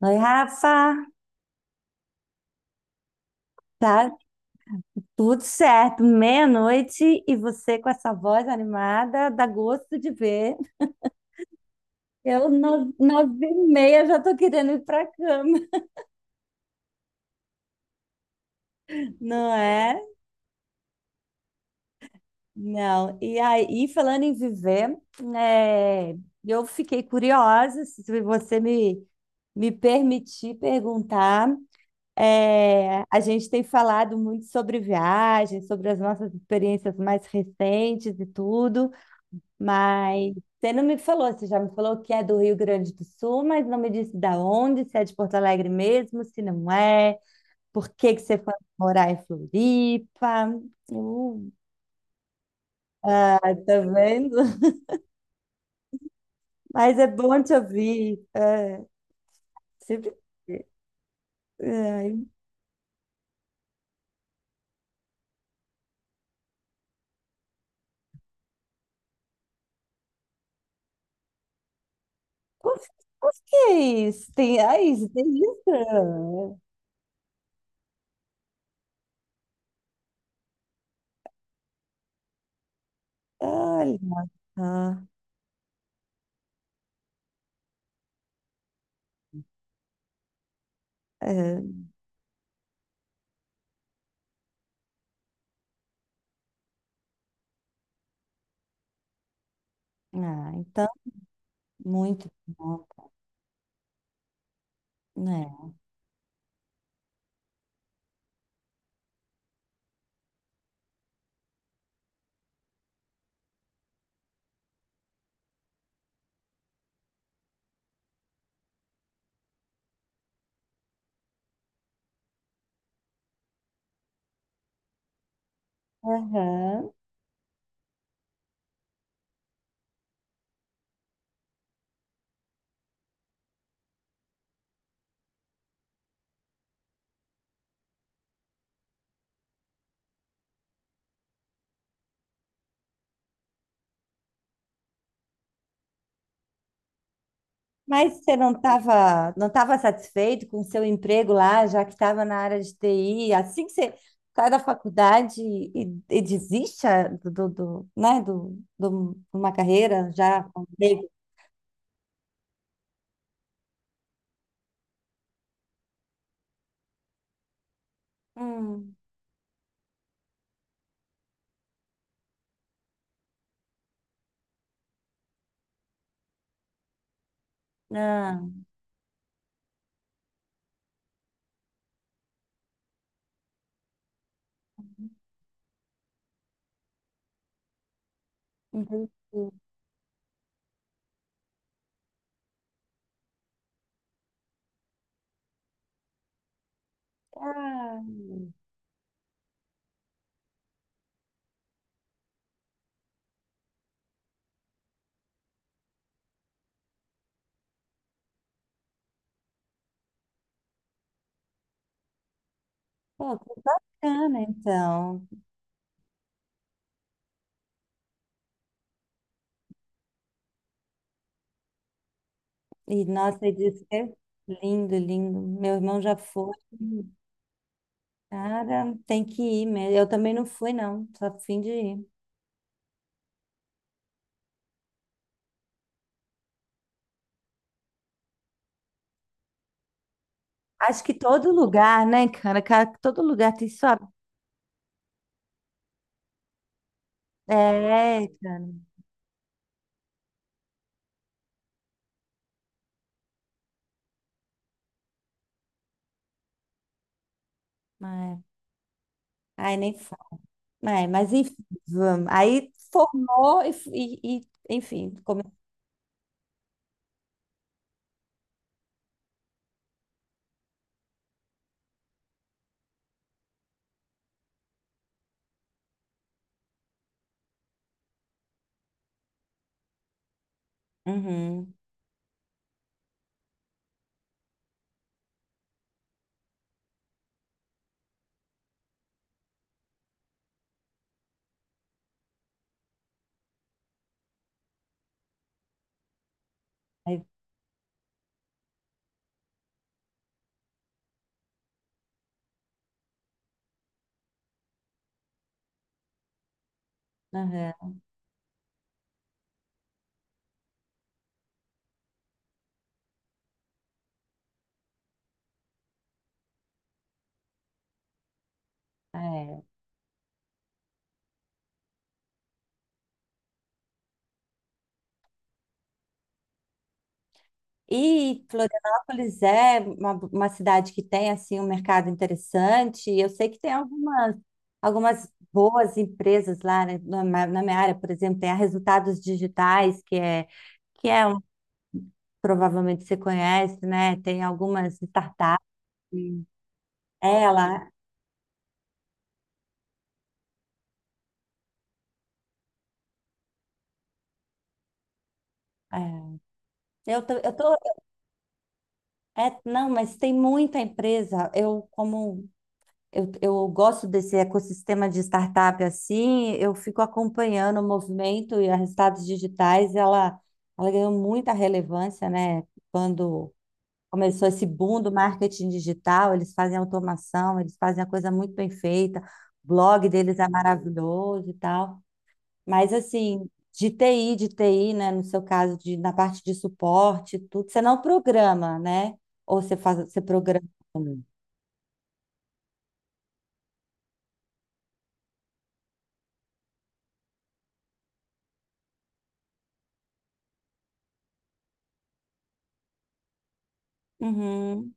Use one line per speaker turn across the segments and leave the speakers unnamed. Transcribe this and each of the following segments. Oi, Rafa, tá tudo certo, meia-noite e você com essa voz animada, dá gosto de ver. Eu, nove e meia, já tô querendo ir pra cama, não é? Não, e aí, falando em viver, é, eu fiquei curiosa, se você me, me permitir perguntar, a gente tem falado muito sobre viagens, sobre as nossas experiências mais recentes e tudo, mas você não me falou, você já me falou que é do Rio Grande do Sul, mas não me disse da onde, se é de Porto Alegre mesmo, se não é, por que que você foi morar em Floripa. Eu- Ah, tá vendo? Mas é bom te ouvir. É, sempre... Ai, por, por que isso? Tem, ai, isso tem isso? Olha, ah, é. Ah, então, muito bom, né? Aham. Mas você não estava satisfeito com o seu emprego lá, já que estava na área de TI? Assim que você sai da faculdade e desiste ah, do, do, do, né, do, do- de uma carreira já com emprego? Hum, ah, entendi. Ah, pô, que bacana, então. E, nossa, ele disse que é lindo, lindo. Meu irmão já foi. Cara, tem que ir mesmo. Eu também não fui, não. Só fim de ir. Acho que todo lugar, né, cara? Cara, todo lugar tem sua. É, cara. Ai, ai, nem fala. Ai, mas enfim, vamos. Aí formou e, enfim. Come... Uhum. Aí, aham, é. E Florianópolis é uma cidade que tem assim um mercado interessante. Eu sei que tem algumas, algumas boas empresas lá, né? Na minha área, por exemplo, tem a Resultados Digitais, que é um provavelmente você conhece, né? Tem algumas startups. Sim. Ela, é, eu tô, eu tô, é, não, mas tem muita empresa. Eu gosto desse ecossistema de startup assim, eu fico acompanhando o movimento e a resultados digitais. Ela ganhou muita relevância, né? Quando começou esse boom do marketing digital, eles fazem automação, eles fazem a coisa muito bem feita. O blog deles é maravilhoso e tal. Mas assim, de TI, de TI né? No seu caso, de, na parte de suporte, tudo, você não programa, né? Ou você faz, você programa. Uhum,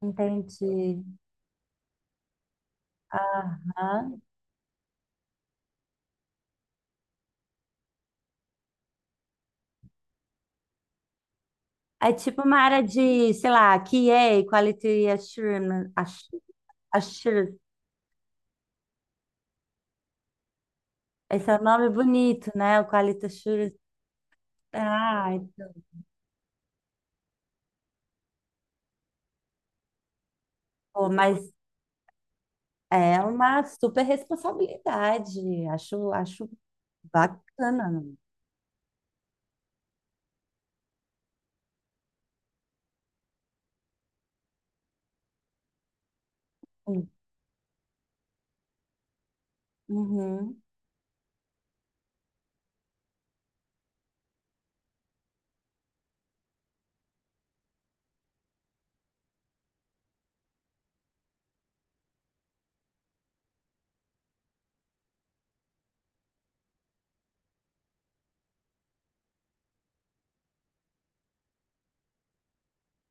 entendi. Aham. É tipo uma área de, sei lá, QA, Quality Assurance. Assu- Assurance. Esse é o nome bonito, né? O Quality Assurance. Ah, pô, mas é uma super responsabilidade. Acho, acho bacana. Uhum.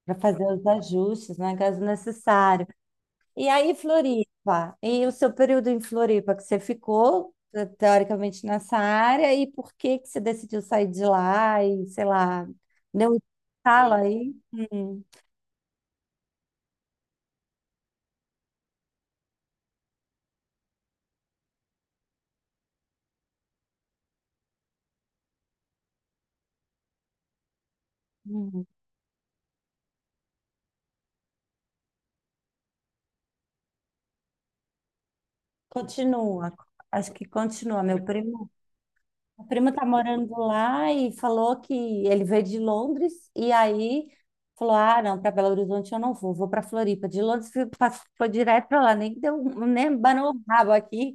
Para fazer os ajustes, né, caso necessário. E aí, Floripa, e o seu período em Floripa, que você ficou, teoricamente, nessa área, e por que que você decidiu sair de lá e, sei lá, deu um estalo aí? Hum, hum. Continua, acho que continua, meu primo. A prima tá morando lá e falou que ele veio de Londres e aí falou: "Ah, não, para Belo Horizonte eu não vou, vou para Floripa". De Londres foi direto para lá, nem deu, nem banou o rabo aqui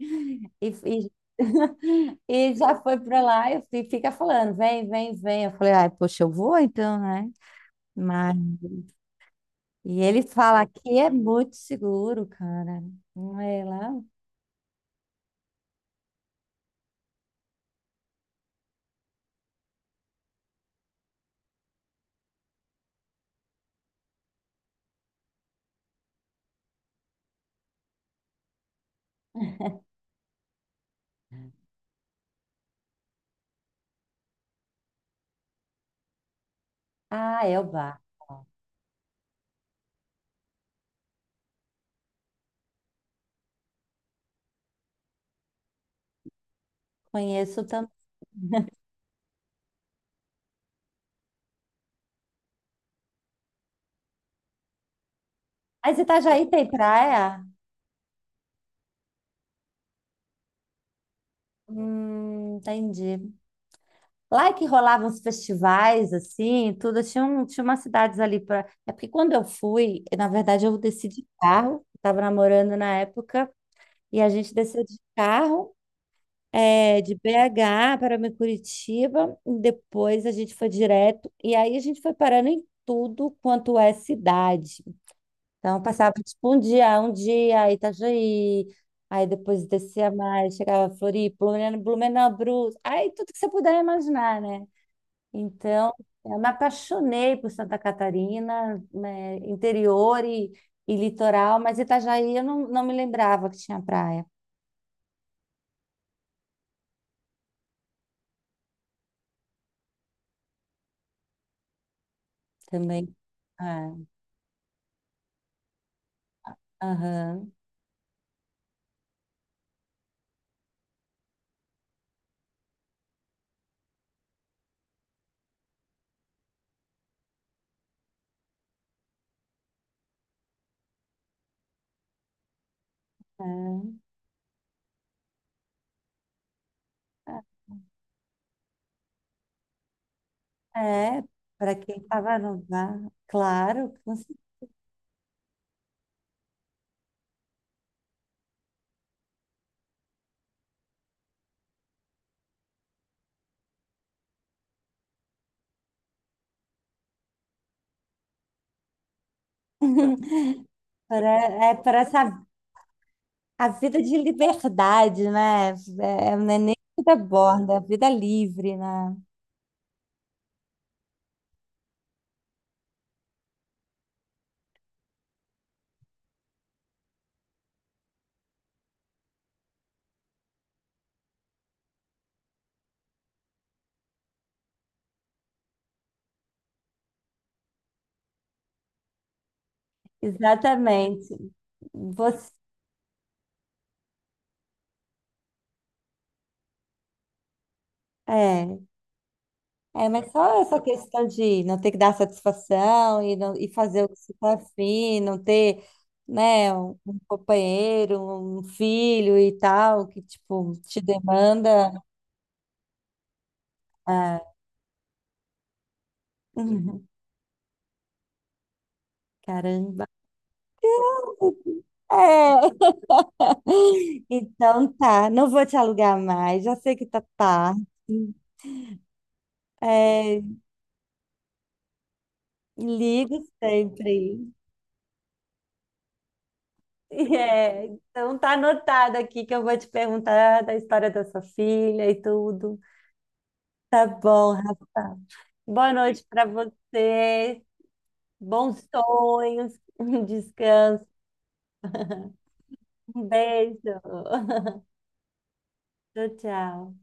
e, e já foi para lá e fica falando: "Vem, vem, vem". Eu falei: "Ai, poxa, eu vou então, né?". Mas e ele fala que é muito seguro, cara. Não é lá? Ah, é o bar. Conheço também. Mas você tá já tem praia? Entendi. Lá é que rolavam os festivais, assim, tudo. Tinha, um, tinha umas cidades ali para. É porque quando eu fui, na verdade, eu desci de carro, estava namorando na época, e a gente desceu de carro, é, de BH para Curitiba, e depois a gente foi direto, e aí a gente foi parando em tudo quanto é cidade. Então, eu passava, tipo, um dia, Itajaí, aí depois descia mais, chegava a Floripa, Blumenau, Blumenau, Brus, aí tudo que você puder imaginar, né? Então, eu me apaixonei por Santa Catarina, né, e litoral, mas Itajaí eu não, não me lembrava que tinha praia também. É, aham, é, é, para quem estava no bar, claro, com cer- para- é para saber a vida de liberdade, né? É, é, não é nem vida borda, é vida livre, né? Exatamente. Você, é, é, mas só essa questão de não ter que dar satisfação e, não, e fazer o que você está afim, não ter, né, um companheiro, um filho e tal, que, tipo, te demanda. Ah, caramba. É. Então tá, não vou te alugar mais, já sei que tá tarde. É, ligo sempre. É, então tá anotado aqui que eu vou te perguntar da história da sua filha e tudo. Tá bom, Rafa. Boa noite para você. Bons sonhos. Descanso. Um beijo. Tchau, tchau.